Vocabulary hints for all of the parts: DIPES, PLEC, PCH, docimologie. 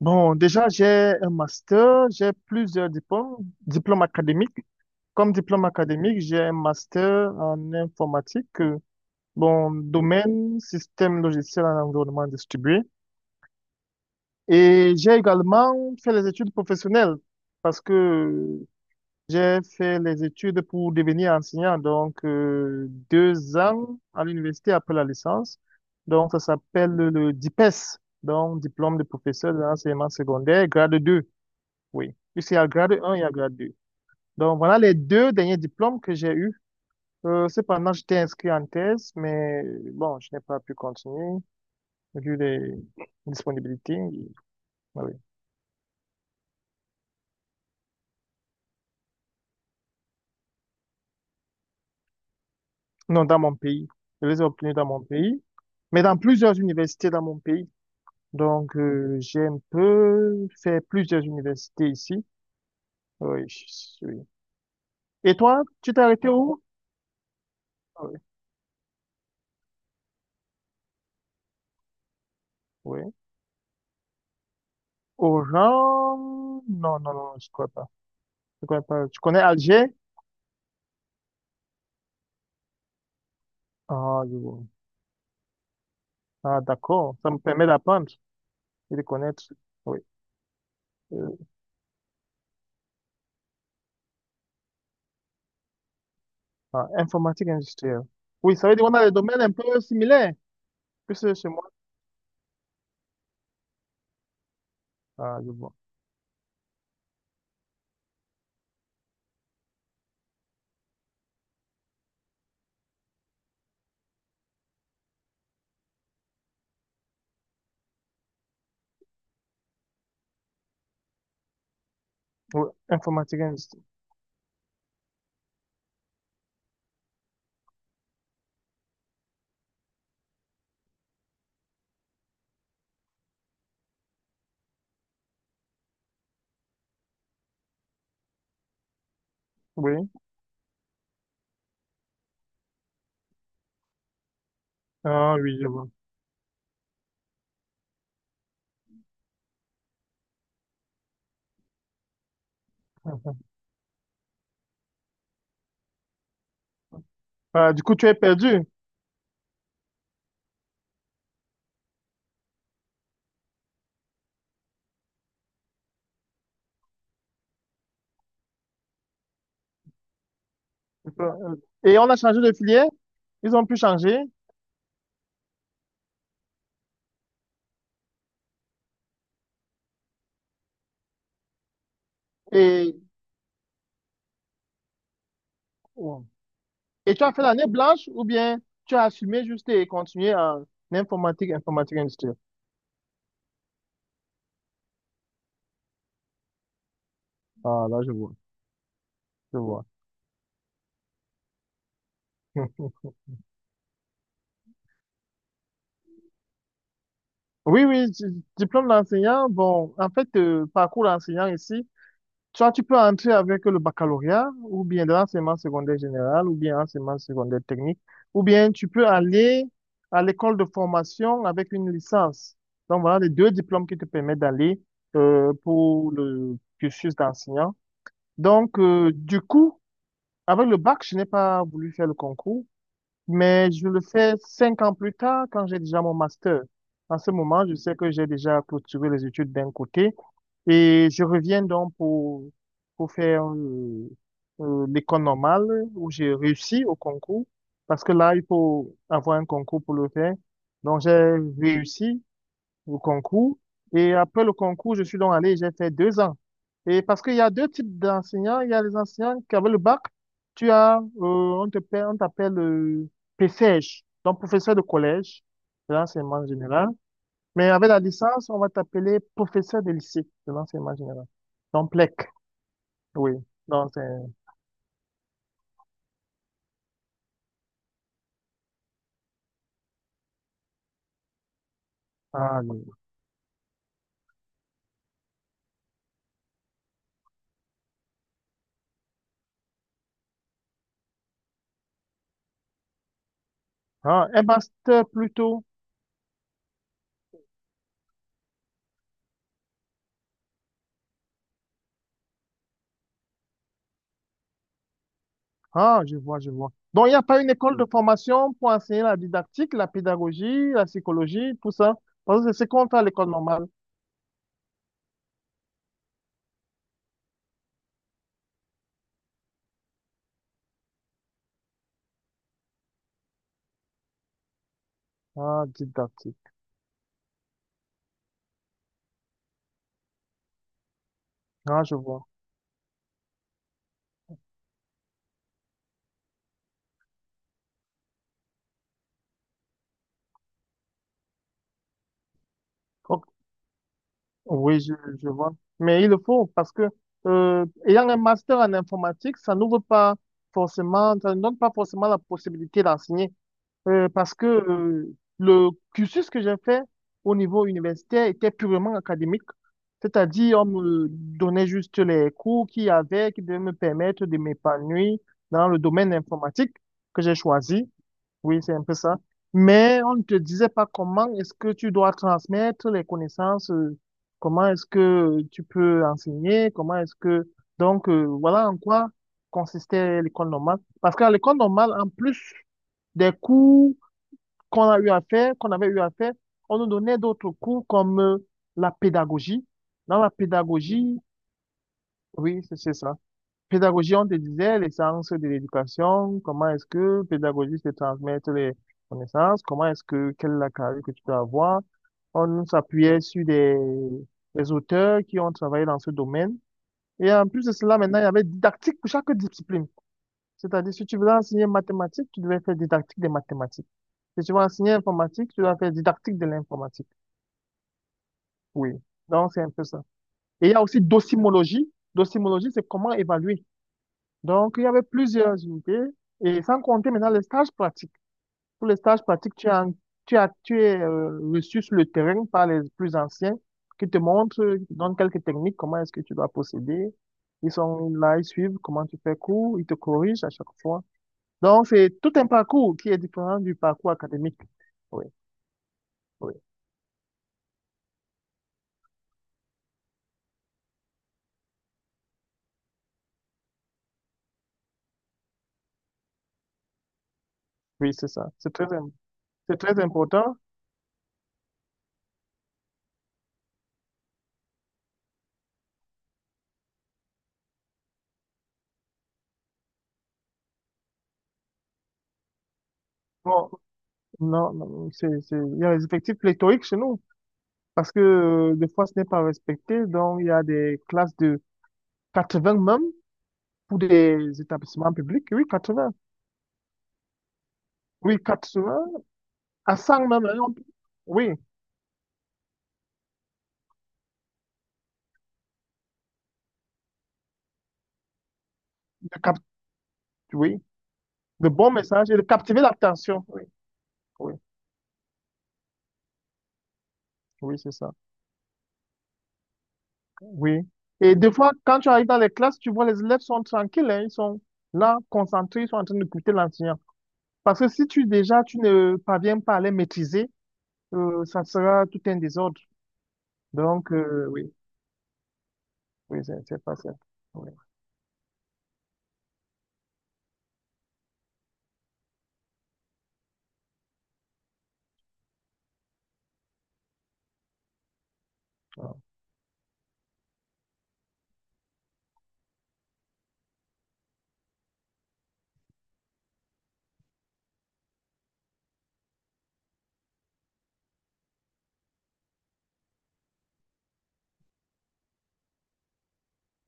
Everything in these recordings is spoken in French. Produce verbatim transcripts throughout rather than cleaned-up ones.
Bon, déjà, j'ai un master, j'ai plusieurs diplômes, diplômes académiques. Comme diplôme académique, j'ai un master en informatique, euh, bon, domaine système logiciel en environnement distribué. Et j'ai également fait les études professionnelles parce que j'ai fait les études pour devenir enseignant, donc euh, deux ans à l'université après la licence. Donc, ça s'appelle le DIPES, donc diplôme de professeur de l'enseignement secondaire, grade deux. Oui, puisqu'il y a grade un, il y a grade deux. Donc voilà les deux derniers diplômes que j'ai eus. Euh, cependant, j'étais inscrit en thèse, mais bon, je n'ai pas pu continuer vu les disponibilités. Ah oui. Non, dans mon pays. Je les ai obtenus dans mon pays, mais dans plusieurs universités dans mon pays. Donc euh, j'ai un peu fait plusieurs universités ici. Ah oui, je suis. Oui. Et toi, tu t'es arrêté où? Ah oui. Oui. Oran? Non, non, non, je ne crois pas. Je ne connais pas. Tu connais Alger? Ah, je vois. Ah, d'accord. Ça me permet d'apprendre et de connaître. Oui. Euh, ah, informatique industrielle. Oui, ça veut dire qu'on a des domaines un peu similaires. Puisque chez moi. Ah, je vois. Oui, informatique industrielle. Oui. Ah, oui, je vois. Ah, du coup, tu es perdu. Et on a changé de filière. Ils ont pu changer. Et, et tu as fait l'année blanche ou bien tu as assumé juste et continué en informatique, informatique industrielle. Ah, là, je vois. Je vois. Oui, oui, di- diplôme d'enseignant. Bon, en fait, euh, parcours d'enseignant ici. Soit tu peux entrer avec le baccalauréat, ou bien de l'enseignement secondaire général, ou bien enseignement secondaire technique, ou bien tu peux aller à l'école de formation avec une licence. Donc voilà les deux diplômes qui te permettent d'aller euh, pour le cursus d'enseignant. Donc euh, du coup, avec le bac, je n'ai pas voulu faire le concours. Mais je le fais cinq ans plus tard quand j'ai déjà mon master. En ce moment, je sais que j'ai déjà clôturé les études d'un côté et je reviens donc pour, pour faire euh, euh, l'école normale où j'ai réussi au concours parce que là, il faut avoir un concours pour le faire. Donc, j'ai réussi au concours. Et après le concours, je suis donc allé, j'ai fait deux ans. Et parce qu'il y a deux types d'enseignants. Il y a les enseignants qui avaient le bac. Tu as, euh, on te paie- on t'appelle euh, P C H, donc professeur de collège de l'enseignement général. Mais avec la licence, on va t'appeler professeur de lycée de l'enseignement général. Donc, P L E C, oui. Donc, c'est ah oui. Ah, un master plutôt. Ah, je vois, je vois. Donc, il n'y a pas une école de Mm. formation pour enseigner la didactique, la pédagogie, la psychologie, tout ça. Parce que c'est ce qu'on fait à l'école normale. Ah, didactique. Ah, je vois. Ok. Oui, je, je vois. Mais il le faut parce que, euh, ayant un master en informatique, ça n'ouvre pas forcément, ça ne donne pas forcément la possibilité d'enseigner. Euh, parce que euh, le cursus que j'ai fait au niveau universitaire était purement académique, c'est-à-dire on me donnait juste les cours qu'il y avait qui devaient me permettre de m'épanouir dans le domaine informatique que j'ai choisi. Oui, c'est un peu ça. Mais on ne te disait pas comment est-ce que tu dois transmettre les connaissances, euh, comment est-ce que tu peux enseigner, comment est-ce que... Donc, euh, voilà en quoi consistait l'école normale. Parce qu'à l'école normale, en plus des cours qu'on a eu à faire, qu'on avait eu à faire, on nous donnait d'autres cours comme euh, la pédagogie. Dans la pédagogie, oui, c'est c'est ça. Pédagogie, on te disait les sciences de l'éducation, comment est-ce que pédagogie, c'est transmettre les connaissances, comment est-ce que, quelle est la carrière que tu peux avoir. On s'appuyait sur des, des auteurs qui ont travaillé dans ce domaine. Et en plus de cela, maintenant, il y avait didactique pour chaque discipline. C'est-à-dire, si tu voulais enseigner mathématiques, tu devais faire didactique des mathématiques. Si tu vas enseigner informatique, tu vas faire didactique de l'informatique. Oui. Donc, c'est un peu ça. Et il y a aussi docimologie. Docimologie, c'est comment évaluer. Donc, il y avait plusieurs unités. Et sans compter maintenant les stages pratiques. Pour les stages pratiques, tu as, tu as, tu es euh, reçu sur le terrain par les plus anciens qui te montrent, euh, qui te donnent quelques techniques, comment est-ce que tu dois procéder. Ils sont là, ils suivent comment tu fais cours, ils te corrigent à chaque fois. Donc, c'est tout un parcours qui est différent du parcours académique. Oui, oui, oui, c'est ça. C'est très, C'est très important. Bon, non, non, c'est, c'est, il y a des effectifs pléthoriques chez nous parce que euh, des fois ce n'est pas respecté. Donc, il y a des classes de quatre-vingts même pour des établissements publics. Oui, quatre-vingts. Oui, quatre-vingts à cent même, hein. on- Oui, de cap- oui, de bons messages et de captiver l'attention. Oui, oui, oui, c'est ça. Oui. Et des fois, quand tu arrives dans les classes, tu vois les élèves sont tranquilles, hein, ils sont là, concentrés, ils sont en train d'écouter l'enseignant. Parce que si tu déjà, tu ne parviens pas à les maîtriser, euh, ça sera tout un désordre. Donc, euh, oui, oui, c'est c'est pas ça. Oui, ah,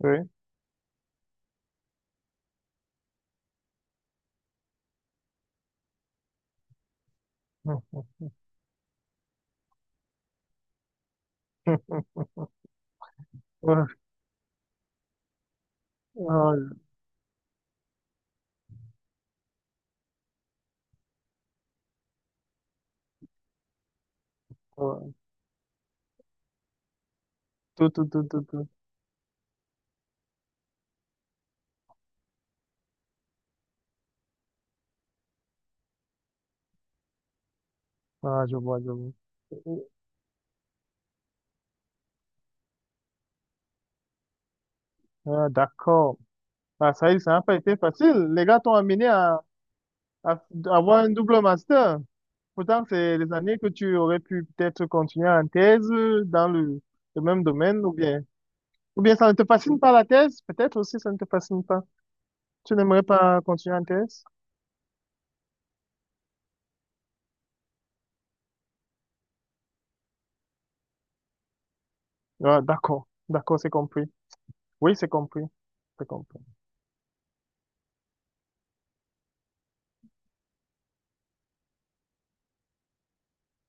oui. Hum, hum. Ouais, ah, je vois. Tout, tout, tout, tout, tout. Ah, je vois, je vois. Ah, d'accord. Ah, ça y est, ça n'a pas été facile. Les gars t'ont amené à, à à avoir un double master. Pourtant, c'est les années que tu aurais pu peut-être continuer en thèse dans le, le même domaine, ou bien, ou bien ça ne te fascine pas la thèse, peut-être aussi ça ne te fascine pas. Tu n'aimerais pas continuer en thèse? Ah, d'accord, d'accord, c'est compris. Oui, c'est compris. C'est compris.